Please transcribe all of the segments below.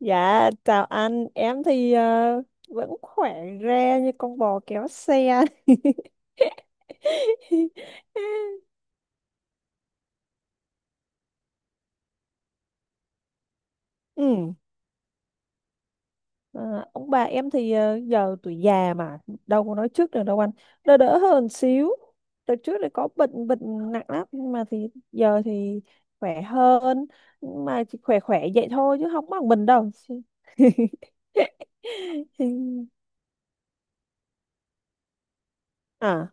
Dạ, chào anh, em thì vẫn khỏe re như con bò kéo xe. Ừ. À, ông bà em thì giờ tuổi già mà, đâu có nói trước được đâu anh. Đỡ đỡ hơn xíu. Đợt trước thì có bệnh bệnh nặng lắm, nhưng mà thì giờ thì khỏe hơn, nhưng mà chỉ khỏe khỏe vậy thôi chứ không bằng mình đâu. À,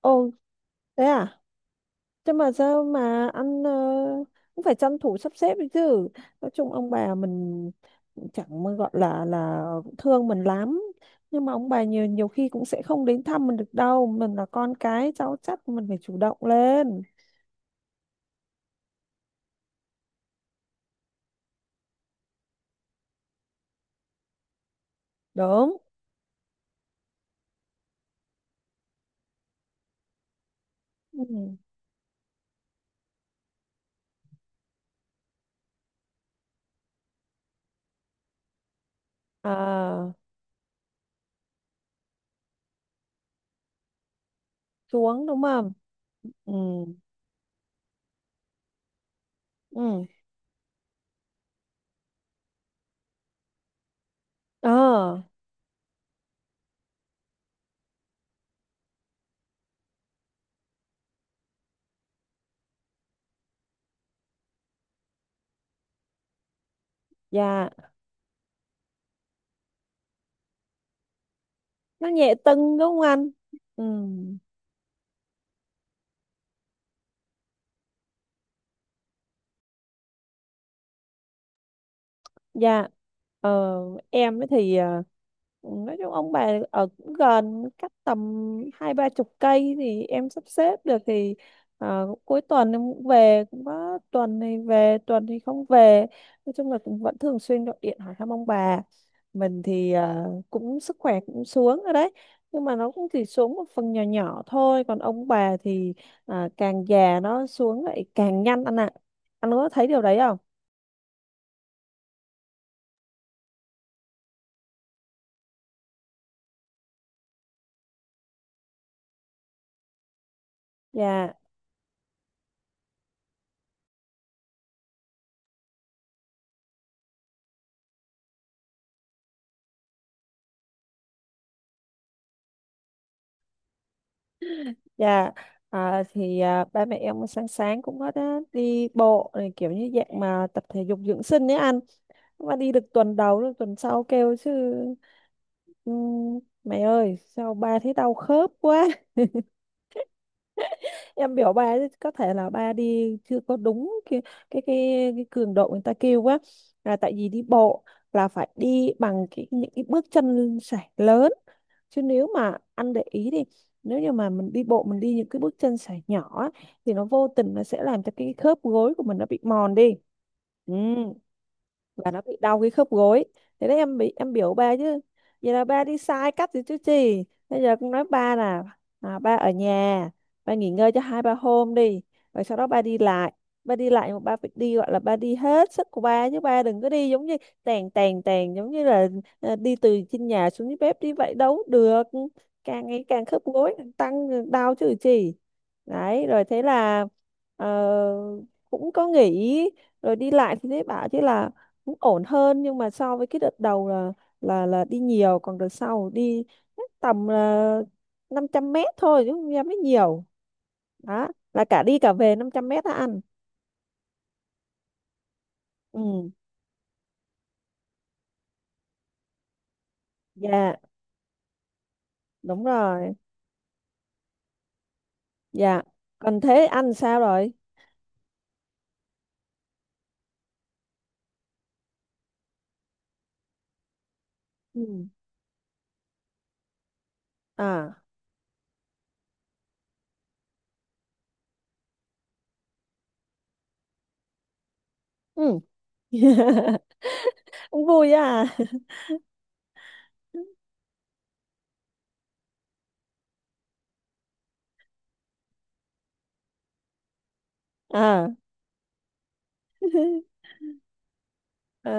ô thế à? Thế mà sao mà ăn cũng phải tranh thủ sắp xếp đấy chứ. Nói chung ông bà mình chẳng mà gọi là thương mình lắm. Nhưng mà ông bà nhiều nhiều khi cũng sẽ không đến thăm mình được đâu. Mình là con cái cháu chắc mình phải chủ động lên. Đúng. Ừ. À, xuống đúng không? Ừ. Ừ. Ờ, dạ. Nó nhẹ tưng đúng không anh? Ừ. Dạ, ờ, em ấy thì nói chung ông bà ở cũng gần cách tầm hai ba chục cây thì em sắp xếp được thì cuối tuần em cũng về, cũng có tuần thì về tuần thì không về, nói chung là cũng vẫn thường xuyên gọi điện hỏi thăm ông bà. Mình thì cũng sức khỏe cũng xuống rồi đấy, nhưng mà nó cũng chỉ xuống một phần nhỏ nhỏ thôi, còn ông bà thì à, càng già nó xuống lại càng nhanh anh ạ. Anh có thấy điều đấy không? Dạ. Dạ, à, thì à, ba mẹ em sáng sáng cũng có đã đi bộ này, kiểu như dạng mà tập thể dục dưỡng sinh ấy anh. Nhưng mà đi được tuần đầu, rồi tuần sau kêu chứ mày ơi, sao ba thấy đau khớp quá." Em biểu ba chứ có thể là ba đi chưa có đúng cái cường độ người ta kêu quá. Là tại vì đi bộ là phải đi bằng cái những cái bước chân sải lớn, chứ nếu mà anh để ý đi, nếu như mà mình đi bộ mình đi những cái bước chân sải nhỏ á, thì nó vô tình nó sẽ làm cho cái khớp gối của mình nó bị mòn đi. Ừ. Và nó bị đau cái khớp gối. Thế đấy, em bị em biểu ba chứ vậy là ba đi sai cách rồi chứ gì. Bây giờ cũng nói ba là à, ba ở nhà, ba nghỉ ngơi cho hai ba hôm đi, rồi sau đó ba đi lại. Ba đi lại mà ba phải đi, gọi là ba đi hết sức của ba, chứ ba đừng có đi giống như tèn tèn tèn, giống như là đi từ trên nhà xuống dưới bếp đi vậy đâu được. Càng ngày càng khớp gối càng tăng đau chứ chỉ. Đấy rồi thế là ờ, cũng có nghỉ, rồi đi lại thì thấy bảo chứ là cũng ổn hơn, nhưng mà so với cái đợt đầu là là đi nhiều, còn đợt sau đi chắc tầm 500 m thôi chứ không dám mới nhiều. Đó là cả đi cả về 500 m đã ăn. Ừ. Dạ. Đúng rồi. Dạ, còn thế ăn sao rồi? Ừ. À. Ừ. Cũng vui á. À. Ờ,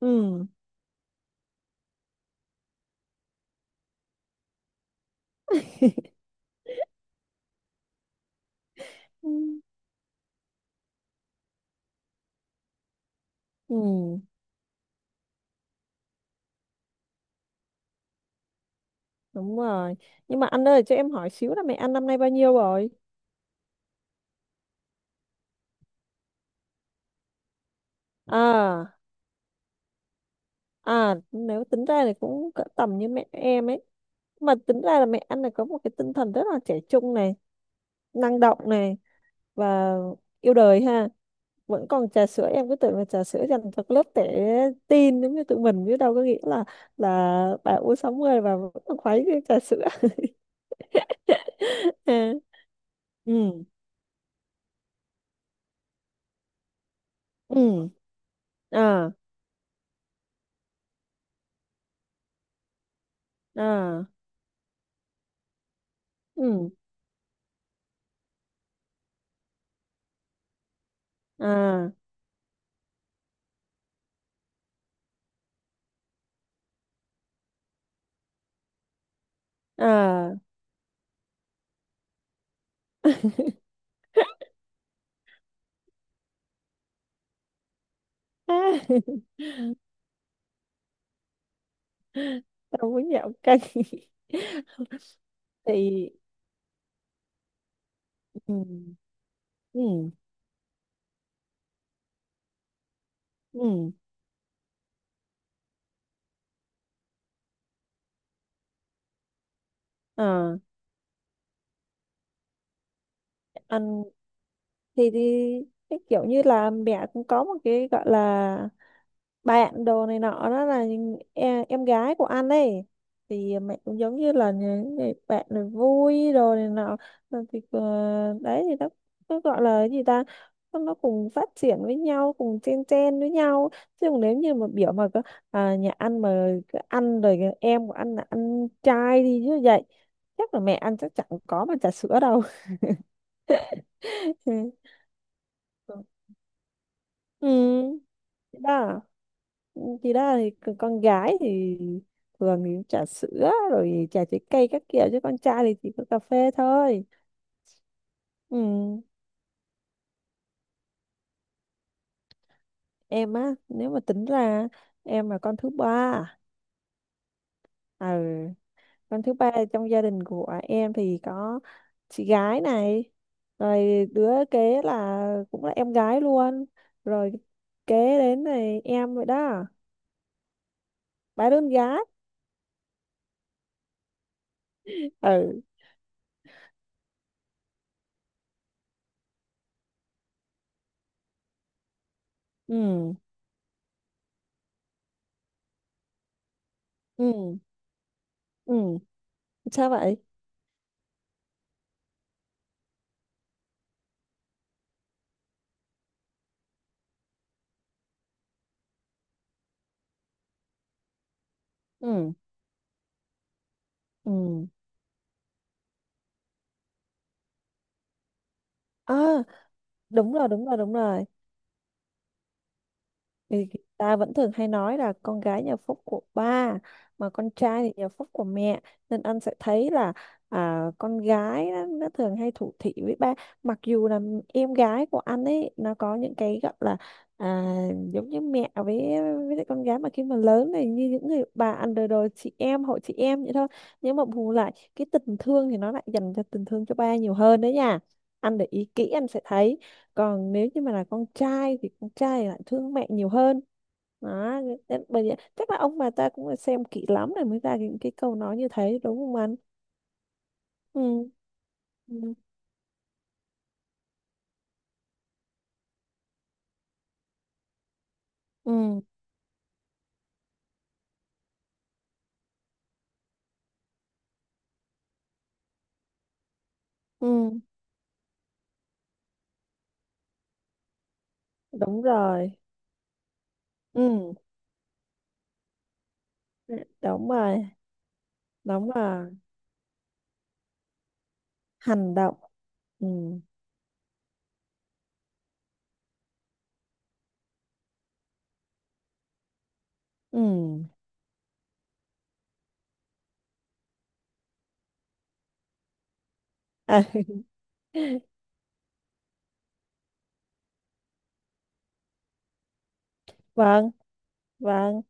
ừ. Ừ. Ừ, đúng rồi. Nhưng mà anh ơi, cho em hỏi xíu là mẹ anh năm nay bao nhiêu rồi? À, à, nếu tính ra thì cũng cỡ tầm như mẹ em ấy. Mà tính ra là mẹ anh này có một cái tinh thần rất là trẻ trung này, năng động này, và yêu đời ha. Vẫn còn trà sữa, em cứ tưởng là trà sữa dành cho lớp trẻ teen giống như tụi mình, chứ đâu có nghĩ là bà u 60 và vẫn còn khuấy cái trà sữa. À, ừ, ừ, à, à, ừ, à, à, à. Tao muốn nhậu canh. Thì ừ, ừ, ừ, à. Anh thì cái kiểu như là mẹ cũng có một cái gọi là bạn đồ này nọ, đó là những em gái của anh ấy. Thì mẹ cũng giống như là những người bạn này, vui đồ này nọ. Rồi thì đấy thì nó gọi là cái gì ta, nó cùng phát triển với nhau, cùng chen chen với nhau. Chứ còn nếu như mà biểu mà có à, nhà ăn mà cứ ăn rồi cái em của anh là ăn trai đi như vậy, chắc là mẹ ăn chắc chẳng có mà trà sữa đâu. Ừ. Ừ. Đó. Chị đó thì con gái thì thường thì trà sữa rồi trà trái cây các kiểu, chứ con trai thì chỉ có cà phê thôi. Ừ. Em á, nếu mà tính ra em là con thứ ba. À, con thứ ba trong gia đình của em thì có chị gái này, rồi đứa kế là cũng là em gái luôn, rồi kế đến này em rồi đó, ba đứa con gái. Ừ. Ừ. Ừ. Ừ. Sao vậy? Ừ. Ừ. À, đúng rồi, đúng rồi, đúng rồi. Vì ta vẫn thường hay nói là con gái nhà phúc của ba, mà con trai thì nhà phúc của mẹ. Nên anh sẽ thấy là à, con gái nó thường hay thủ thỉ với ba. Mặc dù là em gái của anh ấy, nó có những cái gọi là à, giống như mẹ với lại con gái mà khi mà lớn này như những người bà underdog chị em, hội chị em vậy thôi. Nhưng mà bù lại, cái tình thương thì nó lại dành cho tình thương cho ba nhiều hơn đấy nha. Anh để ý kỹ anh sẽ thấy, còn nếu như mà là con trai thì con trai lại thương mẹ nhiều hơn. Đó. Nên bởi vậy chắc là ông bà ta cũng phải xem kỹ lắm rồi mới ra những cái câu nói như thế, đúng không anh? Ừ. Ừ. Ừ. Ừ. Đúng rồi. Ừ. Ừ, đúng rồi. Đúng rồi. Hành động. Ừ. Ừ. À. Vâng. Vâng.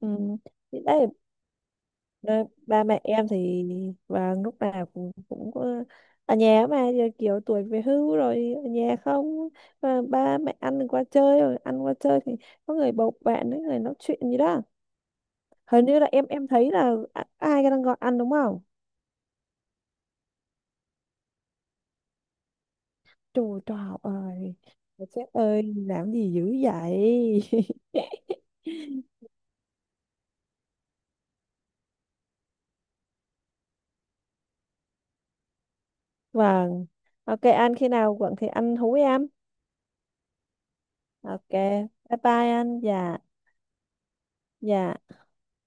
Ừ, thì đây. Ờ, ba mẹ em thì và lúc nào cũng cũng có ở nhà, mà giờ kiểu tuổi về hưu rồi ở nhà không, mà ba mẹ ăn qua chơi rồi ăn qua chơi thì có người bầu bạn ấy, người nói chuyện gì đó. Hình như là em thấy là ai đang gọi ăn đúng không? Trời trời ơi. Mà sếp ơi làm gì dữ vậy? Vâng. Ok anh khi nào quận thì anh hú em. Ok. Bye bye anh. Dạ. Dạ.